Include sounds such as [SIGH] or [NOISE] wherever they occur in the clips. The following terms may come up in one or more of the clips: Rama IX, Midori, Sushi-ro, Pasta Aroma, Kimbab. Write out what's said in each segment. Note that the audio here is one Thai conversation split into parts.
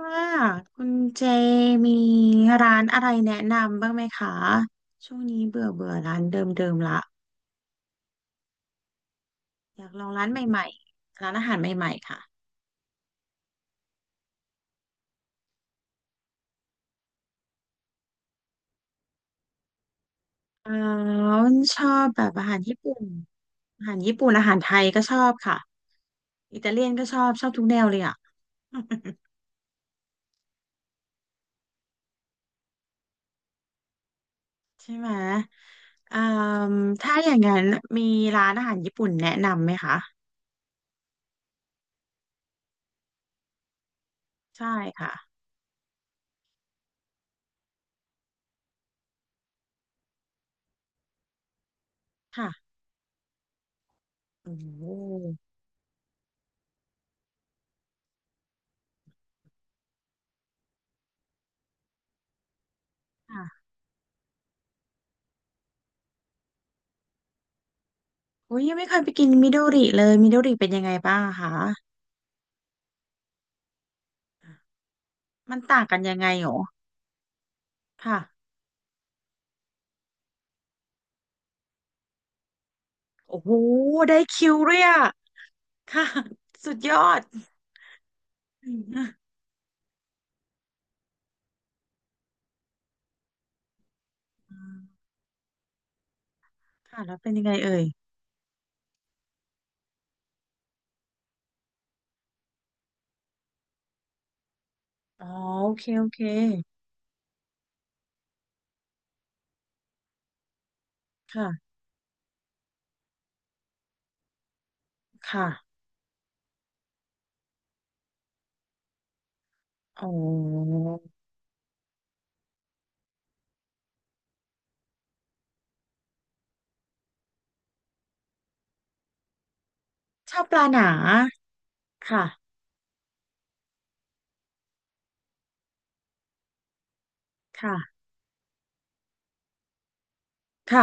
ว่าคุณเจมีร้านอะไรแนะนำบ้างไหมคะช่วงนี้เบื่อเบื่อร้านเดิมๆละอยากลองร้านใหม่ๆร้านอาหารใหม่ๆค่ะอาอนชอบแบบอาหารญี่ปุ่นอาหารญี่ปุ่นอาหารไทยก็ชอบค่ะอิตาเลียนก็ชอบชอบทุกแนวเลยอ่ะ [LAUGHS] ใช่ไหมอืมถ้าอย่างนั้นมีร้านอาหารญี่ปุ่นแนะนำไหมคะใช่ค่ะค่ะโอ้โห อุ้ยยังไม่เคยไปกินมิโดริเลยมิโดริเป็นยังไงบ้างคะมันต่างกันยังไงหรอค่ะโอ้โหได้คิวเลยอะค่ะ [LAUGHS] สุดยอดอืมค่ะแล้วเป็นยังไงเอ่ยอ๋อโอเคโอเคค่ะค่ะโอ้ชอบปลาหนาค่ะค่ะค่ะ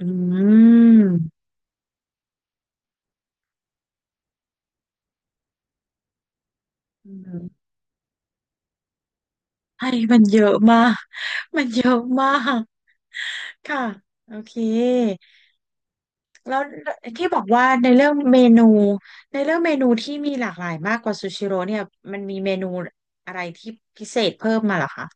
อืมอืมให้มันเยอะมากมันเยอะมากค่ะโอเค แล้วที่บอกว่าในเรื่องเมนูในเรื่องเมนูที่มีหลากหลายมากกว่าซูชิโร่เนี่ยมันมีเมนูอะไรที่พิเศษเพิ่มมาเหรอคะ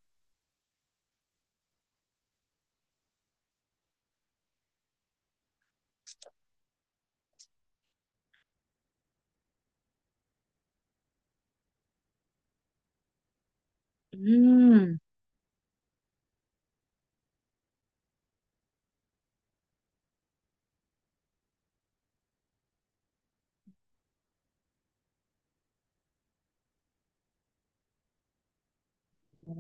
อืมโอ้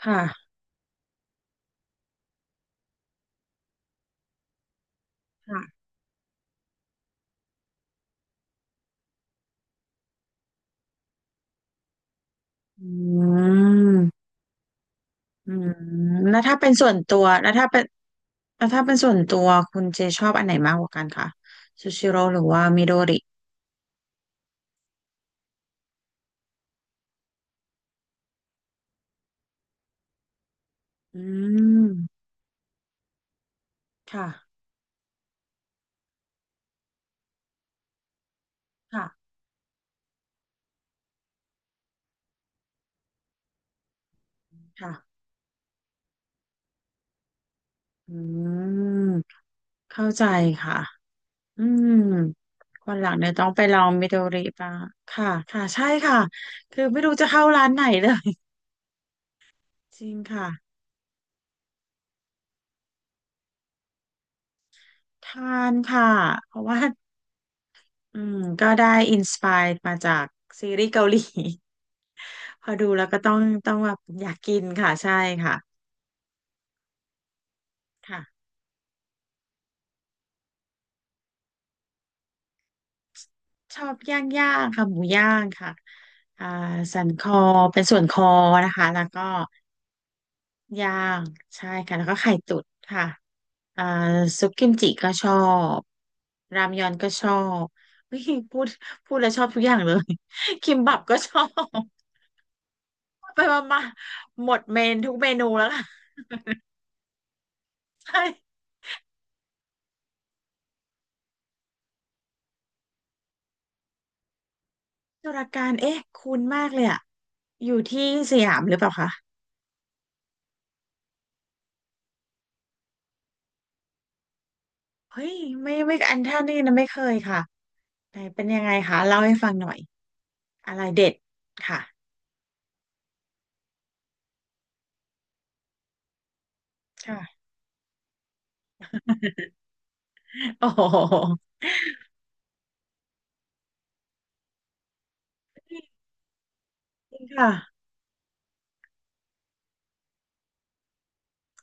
ค่ะค่ะ อืม อืมแล้วถ้าเป็นส่วนตัวแล้วถ้าเป็นแล้วถ้าเป็นส่วนตัวคุณเจชอบอันไหนมากกว่ากันคะซูชิโร่หรือว่ามิโดริอืมค่ะค่ะ ค่ะ อืม เข้าใจค่ะ อืมคนหลังเนี่ยต้องไปลองมิโดริบ้างค่ะค่ะใช่ค่ะคือไม่รู้จะเข้าร้านไหนเลย [LAUGHS] จริงค่ะทานค่ะเพราะว่าอืมก็ได้อินสปายมาจากซีรีส์เกาหลี [LAUGHS] พอดูแล้วก็ต้องต้องแบบอยากกินค่ะใช่ค่ะค่ะชอบย่างย่างค่ะหมูย่างค่ะอ่าสันคอเป็นส่วนคอนะคะแล้วก็ย่างใช่ค่ะแล้วก็ไข่ตุ๋นค่ะ อ่าซุปกิมจิก็ชอบรามยอนก็ชอบ [LAUGHS] อุ๊ยพูดพูดแล้วชอบทุกอย่างเลย [LAUGHS] คิมบับก็ชอบ [LAUGHS] ไปมามาหมดเมนทุกเมนูแล้วค่ะ [LAUGHS] ใช่ตุรการเอ๊ะคุ้นมากเลยอะอยู่ที่สยามหรือเปล่าคะเฮ้ยไม่ไม่อันท่านี่นะไม่เคยค่ะไหนเป็นยังไงคะเล่าให้ฟังหน่อยอะไรเด็ดค่ะค่ะโอ้โหจริงค่ะ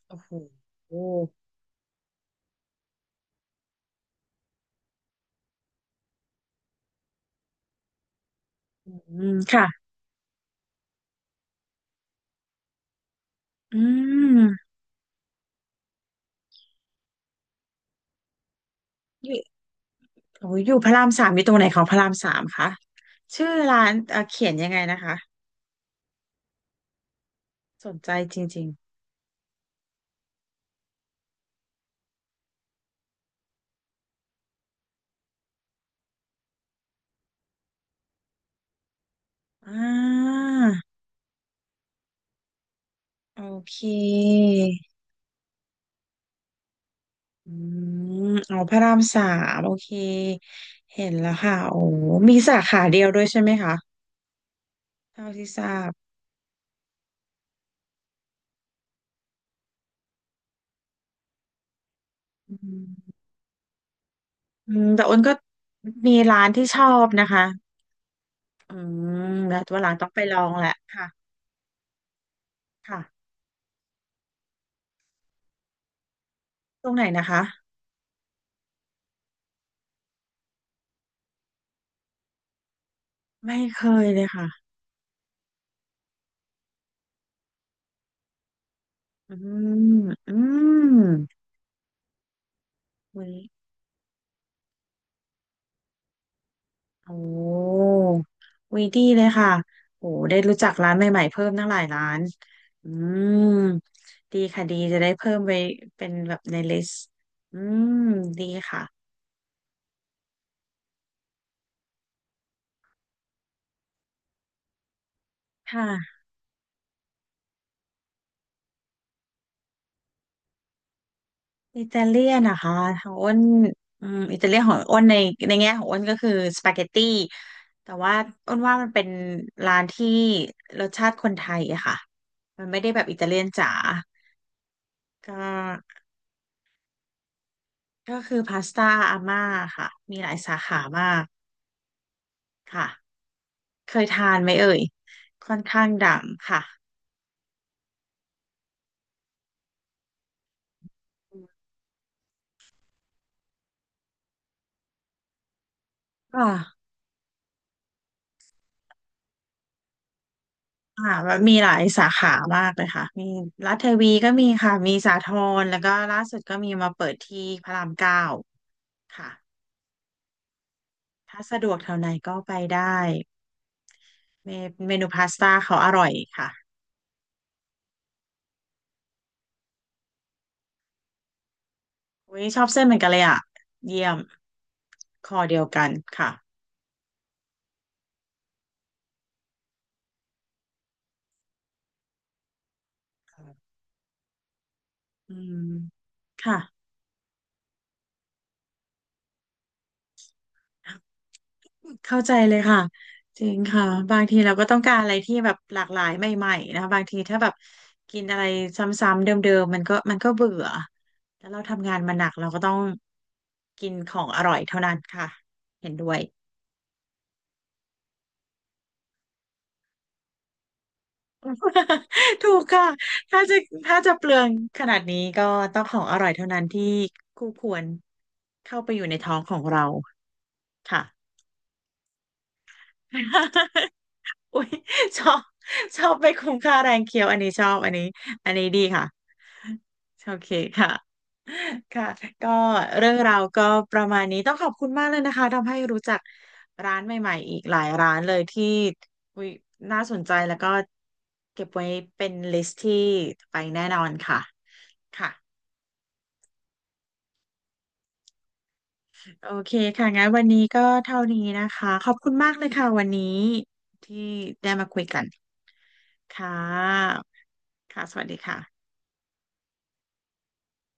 โอ้โหอืมค่ะอืม โอ้ยอยู่พระรามสามอยู่ตรงไหนของพระรามสามคะชื่อร้านเขียนยังไงนะคะสนใจจริงๆอ่าโอเคอืมอ๋อพระรามสามโอเคเห็นแล้วค่ะโอ้มีสาขาเดียวด้วยใช่ไหมคะเท่าที่ทราบอืมอืมแต่อ้นก็มีร้านที่ชอบนะคะอืมแล้ววันหลังต้องไปลองแหละค่ะค่ะตรงไหนนะคะไม่เคยเลยค่ะอืมอืมอุ๊ย โอ้วีดีเลยค่ะโอ้ได้รู้จักร้านใหม่ๆเพิ่มตั้งหลายร้านอืมดีค่ะดีจะได้เพิ่มไปเป็นแบบในลิสต์อืมดีค่ะค่ะอิตาเลียนนะคะของอ้นอิตาเลียนของอ้นในในแง่ของอ้นก็คือสปาเกตตี้แต่ว่าอ้นว่ามันเป็นร้านที่รสชาติคนไทยอะค่ะมันไม่ได้แบบอิตาเลียนจ๋าก็ก็คือพาสต้าอาม่าค่ะมีหลายสาขามาก ค่ะเคยทานไหมเอ่ยค่อนข้างดังค่ะอ่าอ่าแบบมีหลายสาขามากเลยค่ะมีรัฐเทวีก็มีค่ะมีสาทรแล้วก็ล่าสุดก็มีมาเปิดที่พระรามเก้าค่ะถ้าสะดวกแถวไหนก็ไปได้เมเมนูพาสต้าเขาอร่อยค่ะอุ้ยชอบเส้นเหมือนกันเลยอ่ะเยี่ยมคอเดียวกันค่ะอืมค่ะ เข้าใจเลยค่ะจริงค่ะบางทีเราก็ต้องการอะไรที่แบบหลากหลายใหม่ๆนะคะบางทีถ้าแบบกินอะไรซ้ำๆเดิมๆมันก็มันก็เบื่อแล้วเราทำงานมาหนักเราก็ต้องกินของอร่อยเท่านั้นค่ะเห็นด้วย [LAUGHS] ถูกค่ะถ้าจะถ้าจะเปลืองขนาดนี้ก็ต้องของอร่อยเท่านั้นที่คู่ควรเข้าไปอยู่ในท้องของเราค่ะ [LAUGHS] อุ้ยชอบชอบไมคุ้มค่าแรงเคี้ยวอันนี้ชอบอันนี้อันนี้ดีค่ะ โอเคค่ะ [LAUGHS] ค่ะก็เรื่องราวก็ประมาณนี้ต้องขอบคุณมากเลยนะคะ ทำให้รู้จักร้านใหม่ๆอีกหลายร้านเลยที่อุ๊ยน่าสนใจแล้วก็เก็บไว้เป็นลิสต์ที่ไปแน่นอนค่ะค่ะโอเคค่ะงั้นวันนี้ก็เท่านี้นะคะขอบคุณมากเลยค่ะวันนี้ที่ได้มาคุยกันค่ะค่ะสวัสดีค่ะ